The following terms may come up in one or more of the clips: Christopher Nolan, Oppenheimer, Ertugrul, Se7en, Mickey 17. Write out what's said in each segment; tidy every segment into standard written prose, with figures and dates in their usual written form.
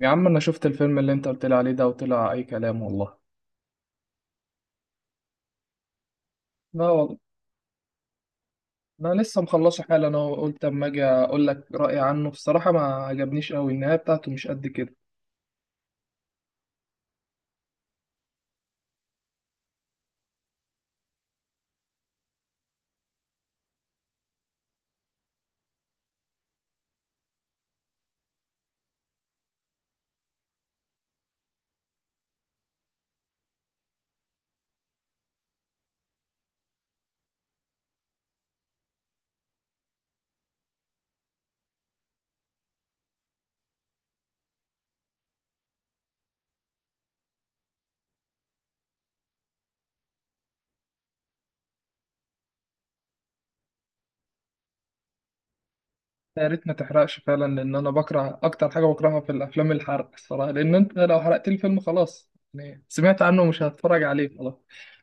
يا عم انا شفت الفيلم اللي انت قلت لي عليه ده وطلع اي كلام والله. لا والله، انا لسه مخلصه حالا. انا قلت اما اجي اقول لك رايي عنه بصراحه، ما عجبنيش قوي، النهايه بتاعته مش قد كده. يا ريت ما تحرقش فعلا، لان انا بكره اكتر حاجه بكرهها في الافلام الحرق الصراحه، لان انت لو حرقت لي الفيلم خلاص يعني سمعت عنه ومش هتفرج عليه خلاص.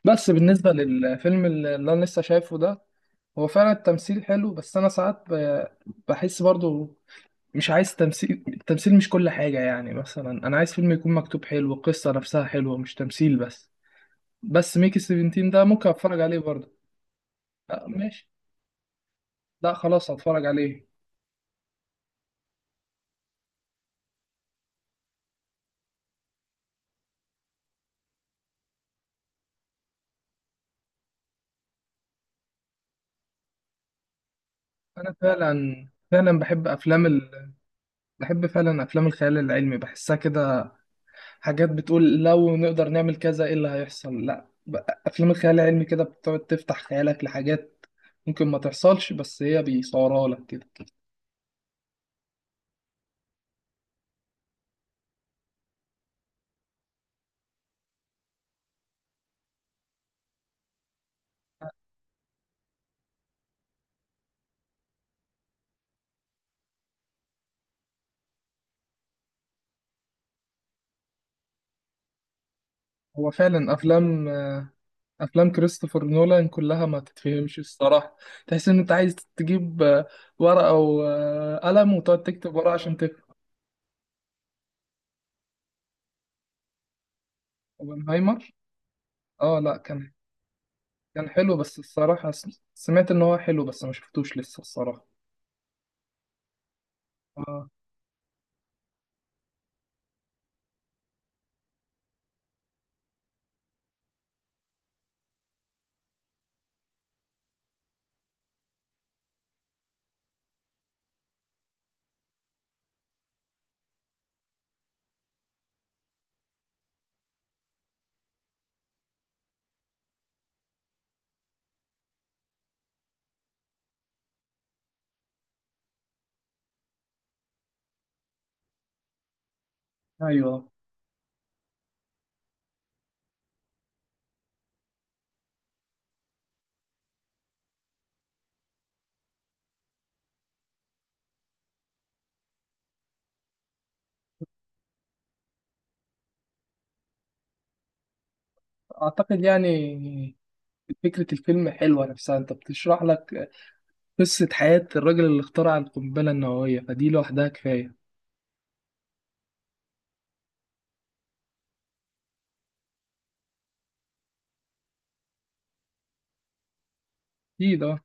بس بالنسبه للفيلم اللي انا لسه شايفه ده، هو فعلا التمثيل حلو، بس انا ساعات بحس برضو مش عايز تمثيل، التمثيل مش كل حاجة. يعني مثلا أنا عايز فيلم يكون مكتوب حلو، القصة نفسها حلوة، مش تمثيل بس. بس ميكي 17 ده ممكن أتفرج عليه برضه. لا ماشي، لا خلاص هتفرج عليه. أنا فعلا فعلا بحب أفلام بحب فعلا أفلام الخيال العلمي، بحسها كده حاجات بتقول لو نقدر نعمل كذا إيه اللي هيحصل. لا ب- أفلام الخيال العلمي كده بتقعد تفتح خيالك لحاجات ممكن ما تحصلش، بس هي بيصورها لك كده. هو فعلا أفلام، افلام كريستوفر نولان كلها ما تتفهمش الصراحه. تحس ان انت عايز تجيب ورقه وقلم وتقعد تكتب ورقه عشان تفهم. اوبنهايمر، اه. لا، كان كان حلو، بس الصراحه سمعت ان هو حلو بس ما شفتوش لسه الصراحه. اه. ايوه. اعتقد يعني فكره الفيلم حلوه نفسها، انت بتشرح لك قصه حياه الراجل اللي اخترع القنبله النوويه، فدي لوحدها كفايه. اكيد اه.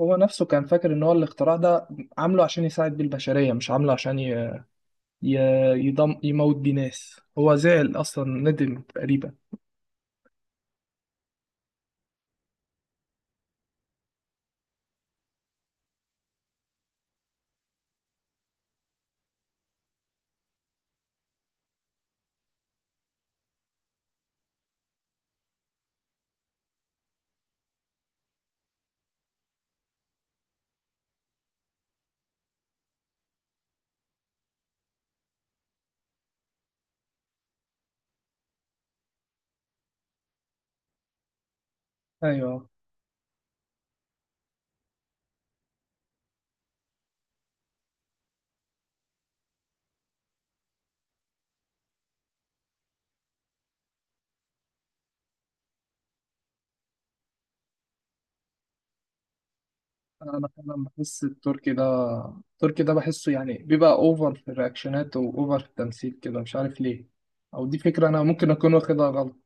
هو نفسه كان فاكر ان هو الاختراع ده عامله عشان يساعد بيه البشريه، مش عامله عشان يضم يموت بيه ناس. هو زعل أصلا، ندم تقريبا. ايوه. انا فعلا بحس التركي ده، التركي ده بحسه يعني بيبقى اوفر في الرياكشنات واوفر في التمثيل كده، مش عارف ليه. او دي فكره انا ممكن اكون واخدها غلط.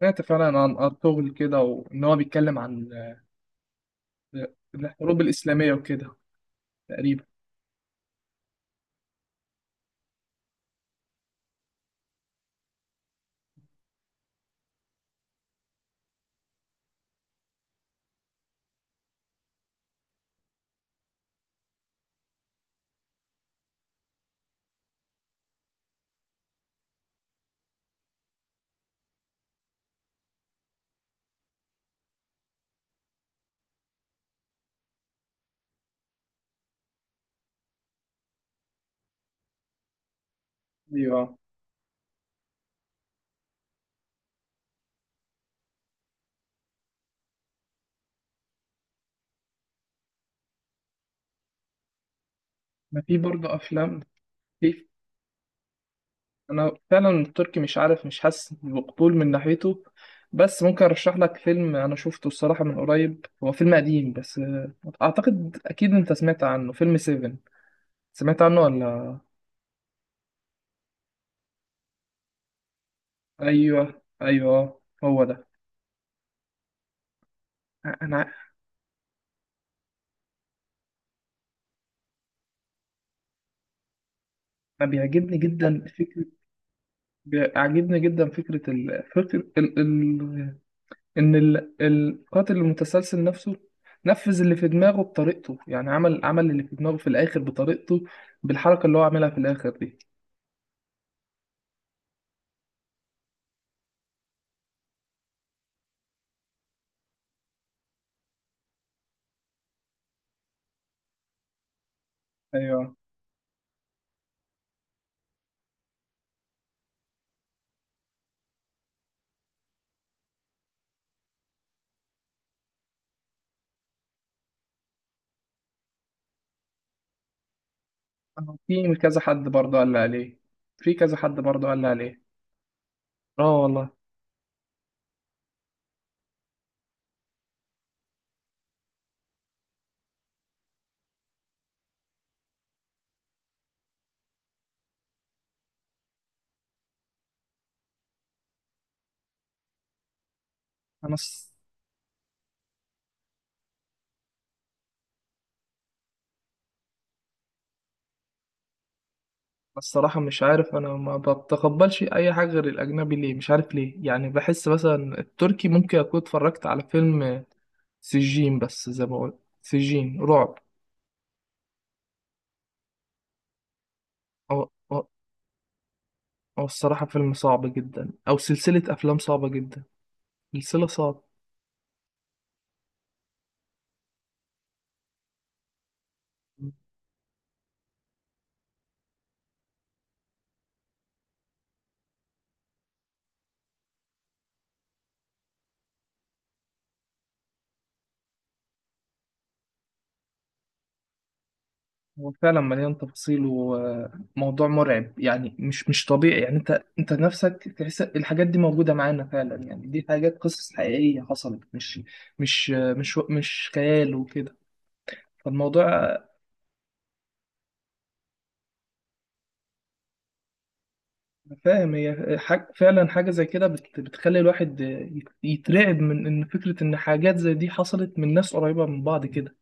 سمعت فعلا عن ارطغرل كده، وان هو بيتكلم عن الحروب الاسلاميه وكده تقريبا. ايوه. ما في برضه افلام في. انا فعلا التركي مش عارف، مش حاسس بقبول من ناحيته. بس ممكن ارشح لك فيلم انا شفته الصراحه من قريب، هو فيلم قديم بس اعتقد اكيد انت سمعت عنه، فيلم سيفن. سمعت عنه ولا؟ ايوه ايوه هو ده. انا أنا بيعجبني جدا فكره، بيعجبني جدا فكره ال... فكر ال... ال... ان القاتل المتسلسل نفسه نفذ اللي في دماغه بطريقته. يعني عمل، عمل اللي في دماغه في الاخر بطريقته، بالحركه اللي هو عملها في الاخر دي. ايوه. في كذا حد برضه قال لي عليه في كذا حد برضه قال لي عليه اه والله. انا الصراحه مش عارف، انا ما بتقبلش اي حاجه غير الاجنبي، ليه مش عارف ليه. يعني بحس مثلا التركي، ممكن اكون اتفرجت على فيلم سجين، بس زي ما بقول سجين رعب. او او أو الصراحه فيلم صعب جدا، او سلسله افلام صعبه جدا، سلسله صعبه. هو فعلا مليان تفاصيل وموضوع مرعب، يعني مش طبيعي. يعني انت انت نفسك تحس الحاجات دي موجودة معانا فعلا، يعني دي حاجات قصص حقيقية حصلت، مش خيال وكده، فالموضوع. أنا فاهم، هي حاج فعلا حاجة زي كده بتخلي الواحد يترعب من ان فكرة ان حاجات زي دي حصلت من ناس قريبة من بعض كده.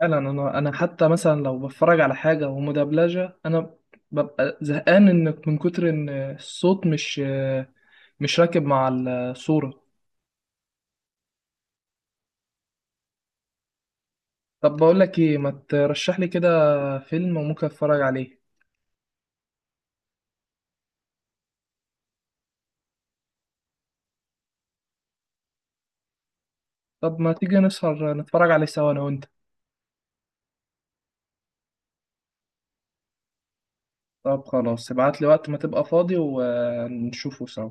فعلا. انا حتى مثلا لو بتفرج على حاجه ومدبلجه، انا ببقى زهقان، ان من كتر ان الصوت مش راكب مع الصوره. طب بقول لك ايه، ما ترشح لي كده فيلم وممكن اتفرج عليه. طب ما تيجي نسهر نتفرج عليه سوا انا وانت. طب خلاص، ابعت لي وقت ما تبقى فاضي ونشوفه سوا.